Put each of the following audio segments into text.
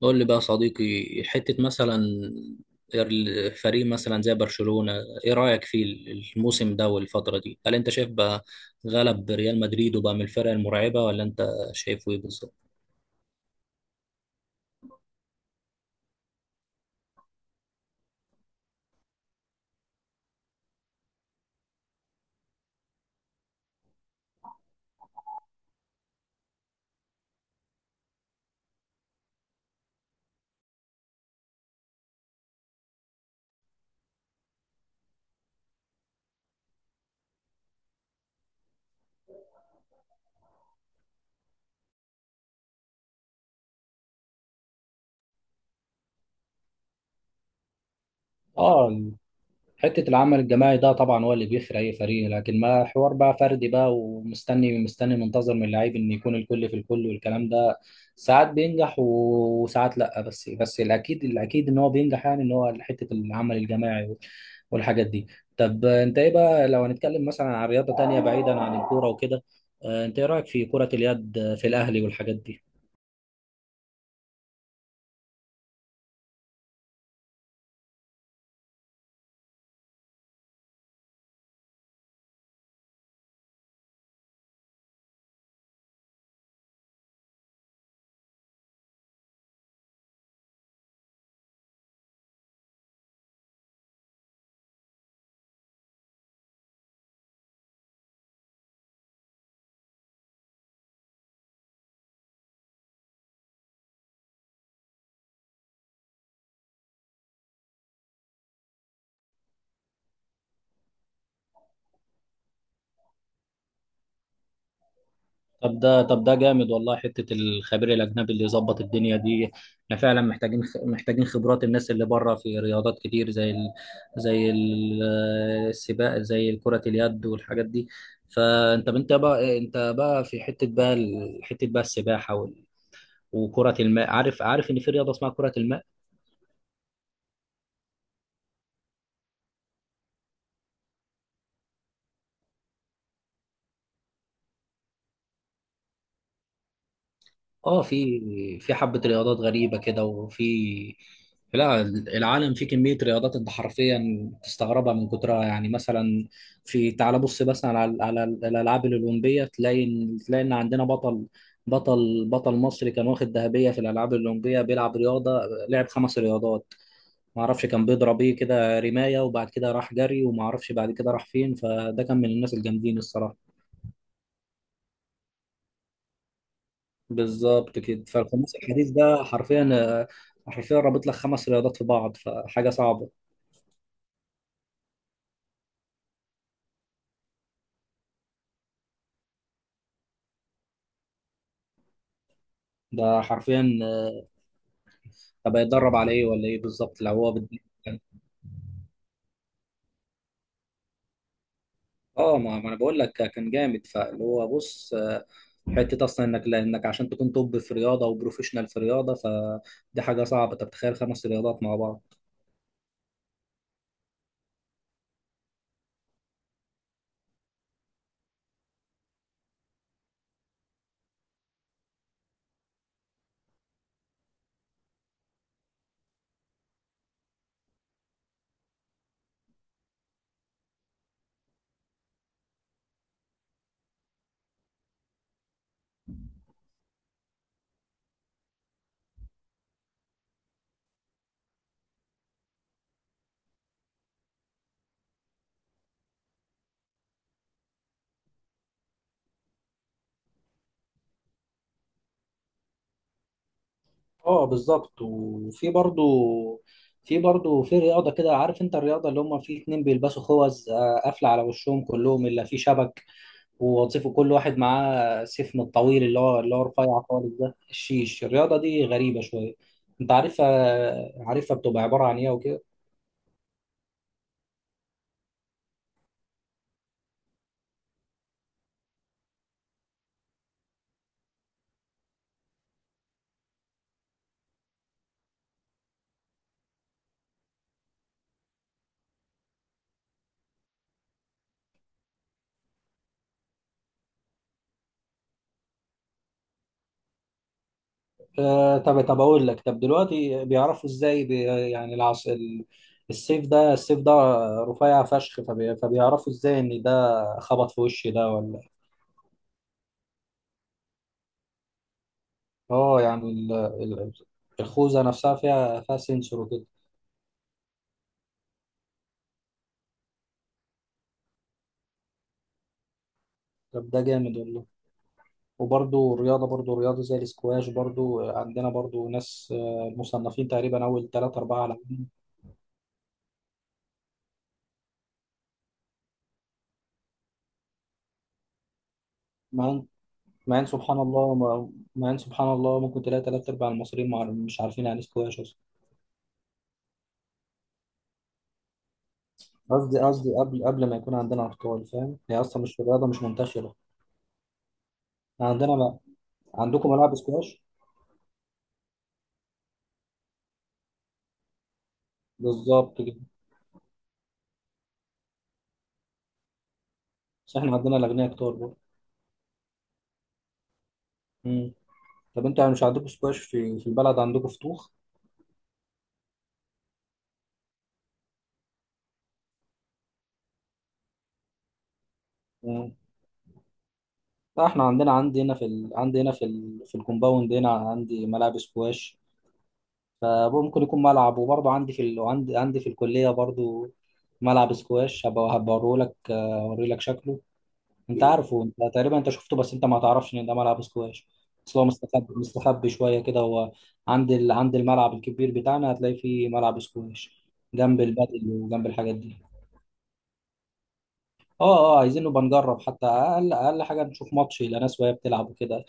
قول لي بقى يا صديقي، حتة مثلا الفريق مثلا زي برشلونة، ايه رأيك في الموسم ده والفترة دي؟ هل انت شايف بقى غلب ريال مدريد وبقى من الفرق المرعبة، ولا انت شايفه ايه بالظبط؟ اه. حتة العمل الجماعي ده طبعا هو اللي بيفرق أي فريق، لكن ما حوار بقى فردي بقى، ومستني منتظر من اللعيب إن يكون الكل في الكل والكلام ده. ساعات بينجح و- وساعات لأ، بس الأكيد إن هو بينجح، يعني إن هو حتة العمل الجماعي وال- والحاجات دي. طب أنت إيه بقى لو هنتكلم مثلا عن رياضة تانية بعيدا عن الكورة وكده، أنت إيه رأيك في كرة اليد في الأهلي والحاجات دي؟ طب ده جامد والله، حتة الخبير الأجنبي اللي يظبط الدنيا دي. احنا فعلا محتاجين محتاجين خبرات الناس اللي بره في رياضات كتير، زي السباق، زي كرة اليد والحاجات دي. فأنت أنت بقى أنت بقى في حتة بقى السباحة وال- وكرة الماء. عارف إن في رياضة اسمها كرة الماء. اه، في حبة رياضات غريبة كده. لا، العالم فيه كمية رياضات انت حرفيا تستغربها من كترها. يعني مثلا في، تعال بص مثلا على الألعاب الأولمبية، تلاقي إن عندنا بطل، بطل مصري كان واخد ذهبية في الألعاب الأولمبية، بيلعب رياضة، لعب خمس رياضات. معرفش كان بيضرب ايه كده، رماية، وبعد كده راح جري، ومعرفش بعد كده راح فين، فده كان من الناس الجامدين الصراحة. بالظبط كده، فالخماس الحديث ده حرفيا رابط لك خمس رياضات في بعض، فحاجه صعبه. ده حرفيا. طب هيتدرب على ايه ولا ايه بالظبط لو هو. اه، ما انا بقول لك كان جامد، فاللي هو بص، حته اصلا لانك عشان تكون توب في رياضه وبروفيشنال في رياضه، فدي حاجه صعبه. طب تخيل خمس رياضات مع بعض. اه بالظبط. وفي برضو، في برضو في رياضة كده، عارف؟ انت الرياضة اللي هم في اتنين بيلبسوا خوذ قافلة على وشهم كلهم، الا في شبك، ووظيفه كل واحد معاه سفن الطويل اللي هو رفيع خالص، ده الشيش، الرياضة دي غريبة شوية. انت عارفها بتبقى عبارة عن ايه وكده؟ آه، طب اقول لك، طب دلوقتي بيعرفوا ازاي، يعني السيف ده رفيع فشخ، فبي فبيعرفوا ازاي ان ده خبط في وشي ده ولا؟ اه، يعني الخوذة نفسها فيها سنسور وكده. طب ده جامد والله. وبرضو الرياضة برضو رياضة زي الاسكواش برضو، عندنا برضو ناس مصنفين تقريبا أول تلاتة أربعة على. مع إن مع إن سبحان الله مع مع إن سبحان الله ممكن تلاقي تلات أرباع المصريين مش عارفين يعني اسكواش أصلا. قصدي، قبل ما يكون عندنا أطفال، فاهم؟ هي أصلا مش رياضة، مش منتشرة عندنا. لا، عندكم ملاعب سكواش؟ بالظبط كده. بس إحنا عندنا الأغنياء كتار برضو. مم. طب أنت مش عندكم سكواش في البلد؟ عندكم فتوخ؟ لا، احنا عندي هنا في الكومباوند هنا عندي ملاعب سكواش. فممكن يكون ملعب. وبرضه عندي في ال... عندي عندي في الكلية برضه ملعب سكواش. هبقى لك، اوري لك شكله. انت عارفه، انت تقريبا شفته، بس انت ما تعرفش ان ده ملعب سكواش. بس هو مستخبي شوية كده هو، عند الملعب الكبير بتاعنا هتلاقي فيه ملعب سكواش، جنب البادل وجنب الحاجات دي. اه، اه، عايزين نبقى نجرب، حتى اقل اقل حاجه نشوف ماتش لناس وهي بتلعب وكده.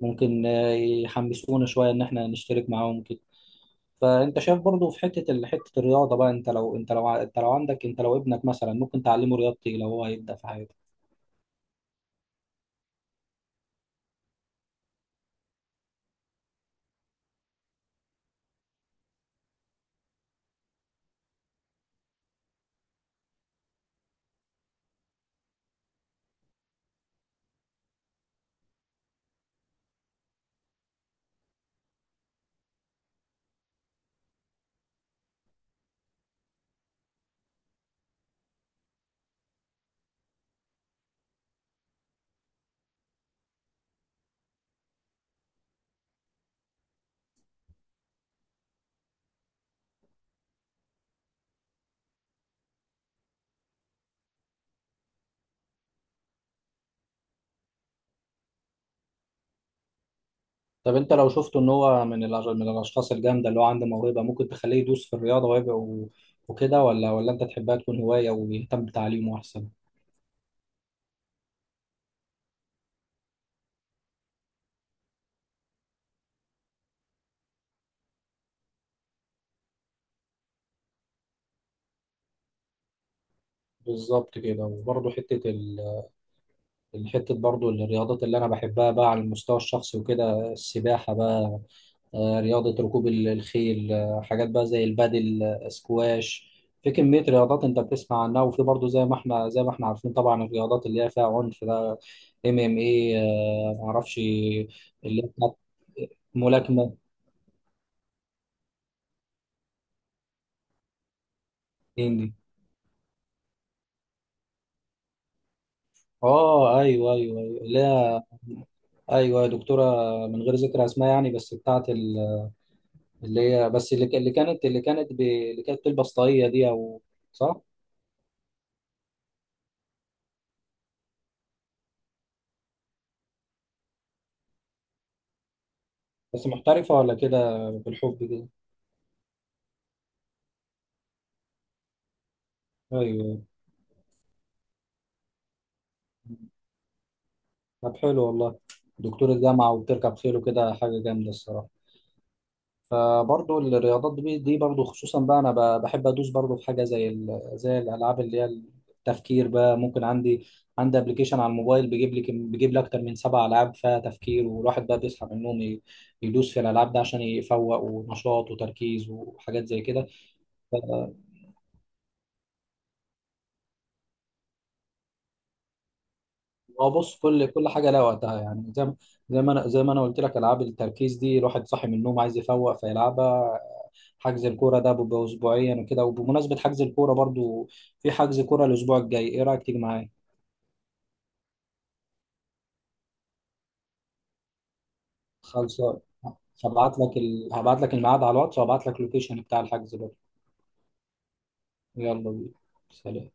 ممكن يحمسونا شويه ان احنا نشترك معاهم كده. فانت شايف برضو في حته حته الرياضه بقى، انت لو ابنك مثلا ممكن تعلمه رياضتي لو هو هيبدا في حياته؟ طب انت لو شفته ان هو من الاشخاص الجامده، اللي هو عنده موهبه، ممكن تخليه يدوس في الرياضه ويبقى و- وكده؟ ولا انت تحبها تكون هوايه ويهتم بتعليمه احسن؟ بالظبط كده. وبرضه حته الحتة برضو، الرياضات اللي أنا بحبها بقى على المستوى الشخصي وكده، السباحة بقى، رياضة ركوب الخيل، حاجات بقى زي البادل، سكواش. في كمية رياضات أنت بتسمع عنها. وفي برضو، زي ما إحنا عارفين طبعا، الرياضات اللي هي فيها عنف ده، MMA، معرفش، اللي هي بتاعت ملاكمة، هندي. اه، ايوه، ايوه، ايوه، لا، ايوه يا دكتورة، من غير ذكر اسماء يعني، بس بتاعت ال اللي, هي بس اللي, ك- اللي كانت تلبس طاقية دي او. صح. بس محترفة ولا كده بالحب كده؟ ايوه. طب حلو والله. دكتور الجامعة وبتركب خيل وكده، حاجة جامدة الصراحة. فبرضه الرياضات دي برضه خصوصا بقى، انا بحب ادوس برضه في حاجة زي الالعاب اللي هي التفكير بقى. ممكن عندي ابلكيشن على الموبايل بيجيب لك، بيجيب لي اكتر من سبع العاب فيها تفكير، والواحد بقى بيصحى من النوم، يدوس في الالعاب ده عشان يفوق ونشاط وتركيز وحاجات زي كده. هو بص، كل حاجه لها وقتها، يعني زي ما انا قلت لك، العاب التركيز دي الواحد صاحي من النوم عايز يفوق فيلعبها. حجز الكوره ده بيبقى اسبوعيا وكده. وبمناسبه حجز الكوره برضو، في حجز كوره الاسبوع الجاي، ايه رايك تيجي معايا؟ خلصان. هبعت لك الميعاد على الواتس، وهبعت لك اللوكيشن بتاع الحجز برضو. يلا بينا. سلام.